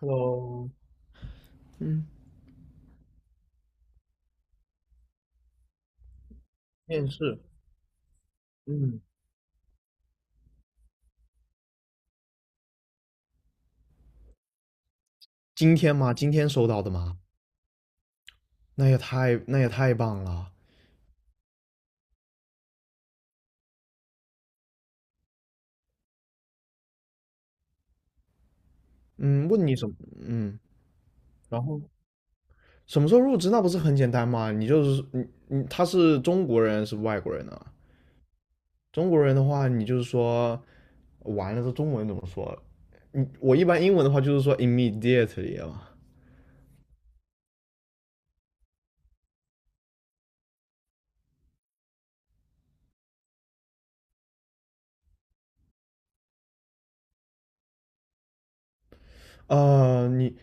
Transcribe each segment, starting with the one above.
Hello，嗯，面试，嗯，今天吗？今天收到的吗？那也太棒了。嗯，问你什么？嗯，然后什么时候入职？那不是很简单吗？你他是中国人是外国人呢？中国人的话，你就是说完了，这中文怎么说？你我一般英文的话就是说 immediately 嘛。你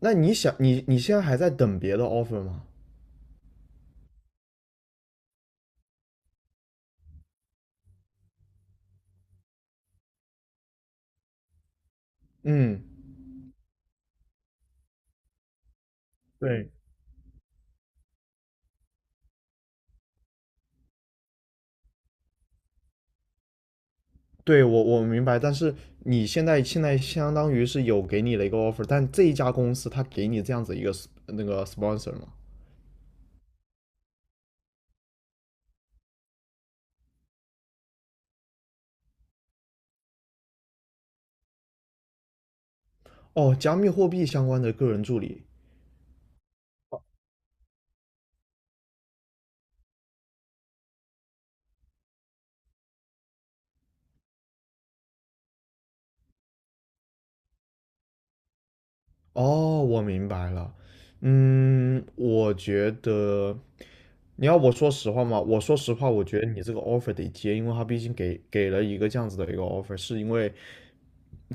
那你想你你现在还在等别的 offer 吗？嗯，对。我明白，但是你现在相当于是有给你的一个 offer，但这一家公司它给你这样子一个 那个 sponsor 吗？哦，加密货币相关的个人助理。哦，我明白了。嗯，我觉得你要我说实话嘛，我说实话，我觉得你这个 offer 得接，因为他毕竟给了一个这样子的一个 offer，是因为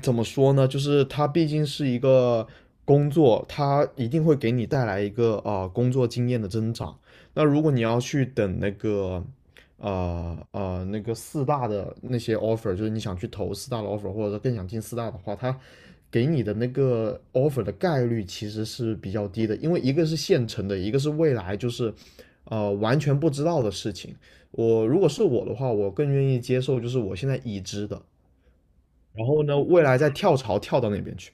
怎么说呢？就是它毕竟是一个工作，它一定会给你带来一个工作经验的增长。那如果你要去等那个那个四大的那些 offer，就是你想去投四大的 offer，或者说更想进四大的话，它给你的那个 offer 的概率其实是比较低的，因为一个是现成的，一个是未来就是完全不知道的事情。我如果是我的话，我更愿意接受就是我现在已知的。然后呢，未来再跳槽跳到那边去。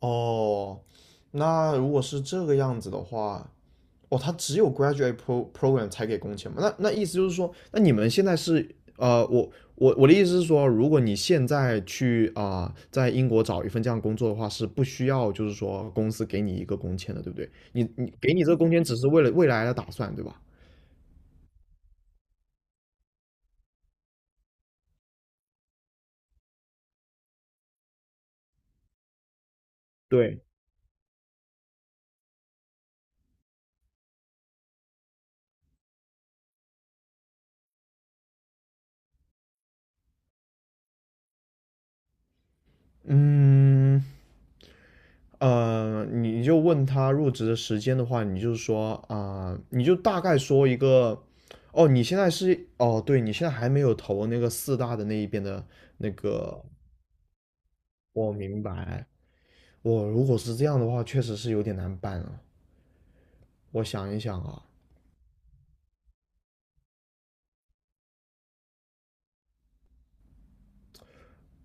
哦，那如果是这个样子的话，哦，他只有 graduate program 才给工钱吗？那那意思就是说，那你们现在是我的意思是说，如果你现在去在英国找一份这样工作的话，是不需要就是说公司给你一个工签的，对不对？你给你这个工签只是为了未来的打算，对吧？对，嗯，呃，你就问他入职的时间的话，你就说你就大概说一个，哦，你现在是，哦，对，你现在还没有投那个四大的那一边的那个，我明白。我如果是这样的话，确实是有点难办啊。我想一想啊，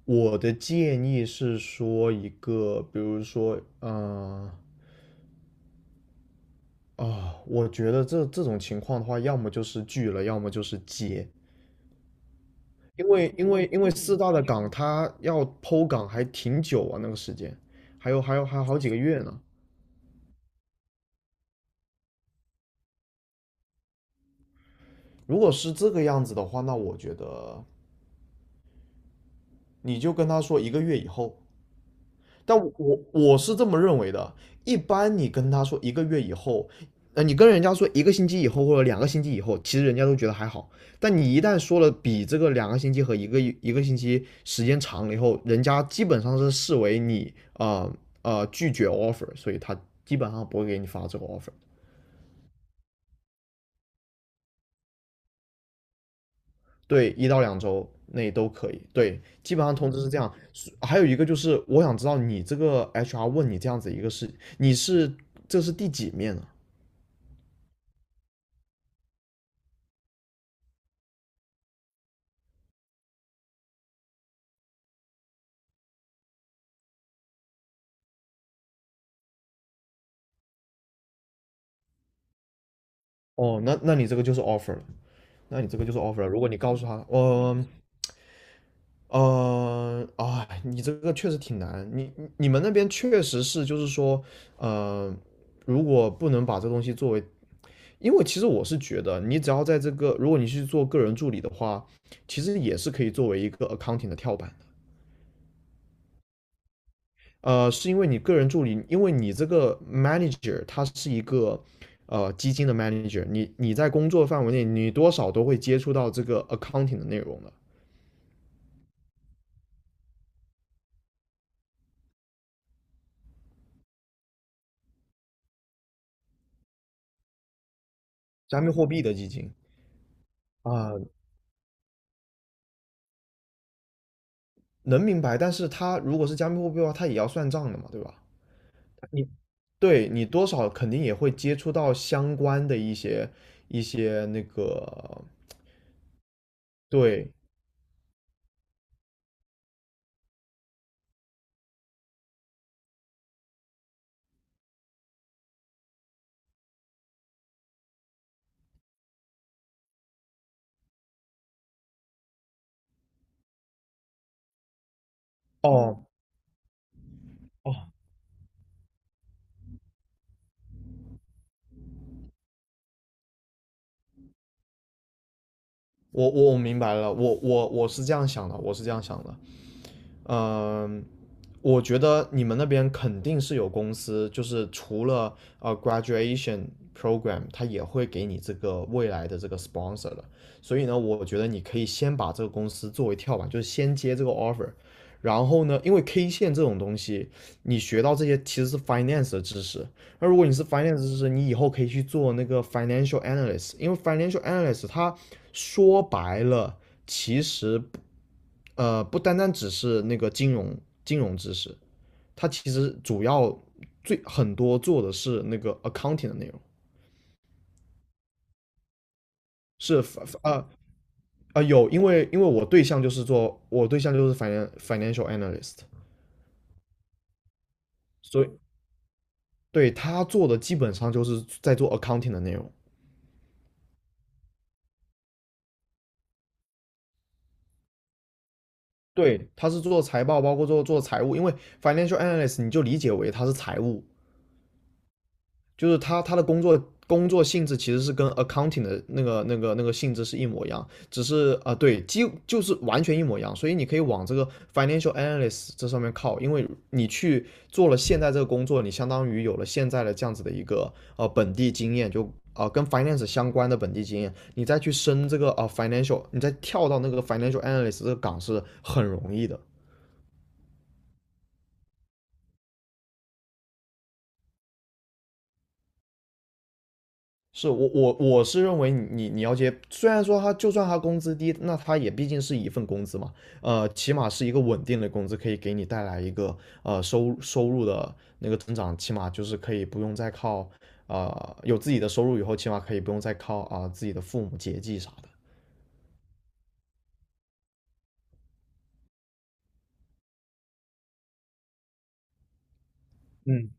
我的建议是说一个，比如说，我觉得这种情况的话，要么就是拒了，要么就是接。因为四大的岗它要剖岗还挺久啊，那个时间，还有好几个月呢。如果是这个样子的话，那我觉得你就跟他说一个月以后，但我是这么认为的。一般你跟他说一个月以后，呃，你跟人家说一个星期以后或者两个星期以后，其实人家都觉得还好。但你一旦说了比这个两个星期和一个星期时间长了以后，人家基本上是视为你拒绝 offer，所以他基本上不会给你发这个 offer。对，一到两周内都可以。对，基本上通知是这样。还有一个就是，我想知道你这个 HR 问你这样子一个事，你是这是第几面呢？哦，那那你这个就是 offer 了，那你这个就是 offer 了。如果你告诉他，你这个确实挺难，你们那边确实是，就是说，呃，如果不能把这东西作为，因为其实我是觉得，你只要在这个，如果你去做个人助理的话，其实也是可以作为一个 accounting 的跳板的。呃，是因为你个人助理，因为你这个 manager 他是一个呃基金的 manager，你在工作范围内，你多少都会接触到这个 accounting 的内容的。加密货币的基金啊、能明白。但是它如果是加密货币的话，它也要算账的嘛，对吧？你对你多少肯定也会接触到相关的一些那个对哦哦,我我明白了，我我我是这样想的，我是这样想的，嗯、呃我觉得你们那边肯定是有公司，就是除了呃 graduation program，它也会给你这个未来的这个 sponsor 的。所以呢，我觉得你可以先把这个公司作为跳板，就是先接这个 offer。然后呢，因为 K 线这种东西，你学到这些其实是 finance 的知识。那如果你是 finance 知识，你以后可以去做那个 financial analyst，因为 financial analyst 它说白了，其实呃，不单单只是那个金融知识，它其实主要最很多做的是那个 accounting 的内容，是呃有，因为我对象就是 financial analyst，所以对他做的基本上就是在做 accounting 的内容。对，他是做财报，包括做财务，因为 financial analyst 你就理解为他是财务就是他的工作性质其实是跟 accounting 的那个性质是一模一样，只是对，就是完全一模一样，所以你可以往这个 financial analyst 这上面靠，因为你去做了现在这个工作，你相当于有了现在的这样子的一个呃本地经验，就跟 finance 相关的本地经验，你再去升这个你再跳到那个 financial analyst 这个岗是很容易的。是我我是认为你你要接，虽然说他就算他工资低，那他也毕竟是一份工资嘛，呃，起码是一个稳定的工资，可以给你带来一个呃收入的那个增长，起码就是可以不用再靠呃有自己的收入以后，起码可以不用再靠自己的父母节济啥的。嗯，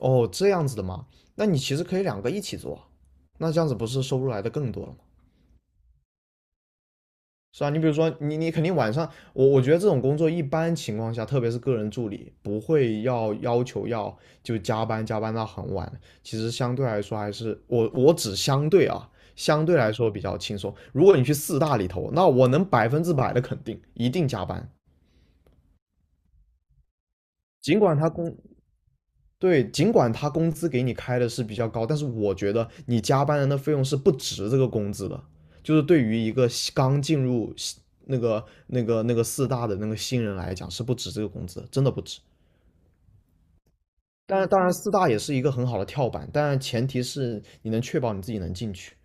哦，这样子的嘛，那你其实可以两个一起做啊，那这样子不是收入来的更多了吗？是啊，你比如说，你你肯定晚上，我觉得这种工作一般情况下，特别是个人助理，不会要求要就加班到很晚。其实相对来说还是我只相对啊，相对来说比较轻松。如果你去四大里头，那我能百分之百的肯定，一定加班。尽管他工对，尽管他工资给你开的是比较高，但是我觉得你加班人的那费用是不值这个工资的。就是对于一个刚进入那个四大的那个新人来讲，是不值这个工资真的不值。但是当然，四大也是一个很好的跳板，但前提是你能确保你自己能进去。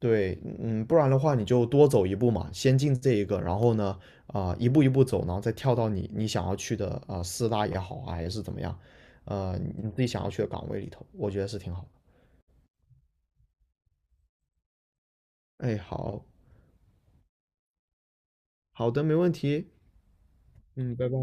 对，嗯，不然的话你就多走一步嘛，先进这一个，然后呢，一步一步走，然后再跳到你你想要去的四大也好啊，还是怎么样，呃，你自己想要去的岗位里头，我觉得是挺好的。哎，好，好的，没问题，嗯，拜拜。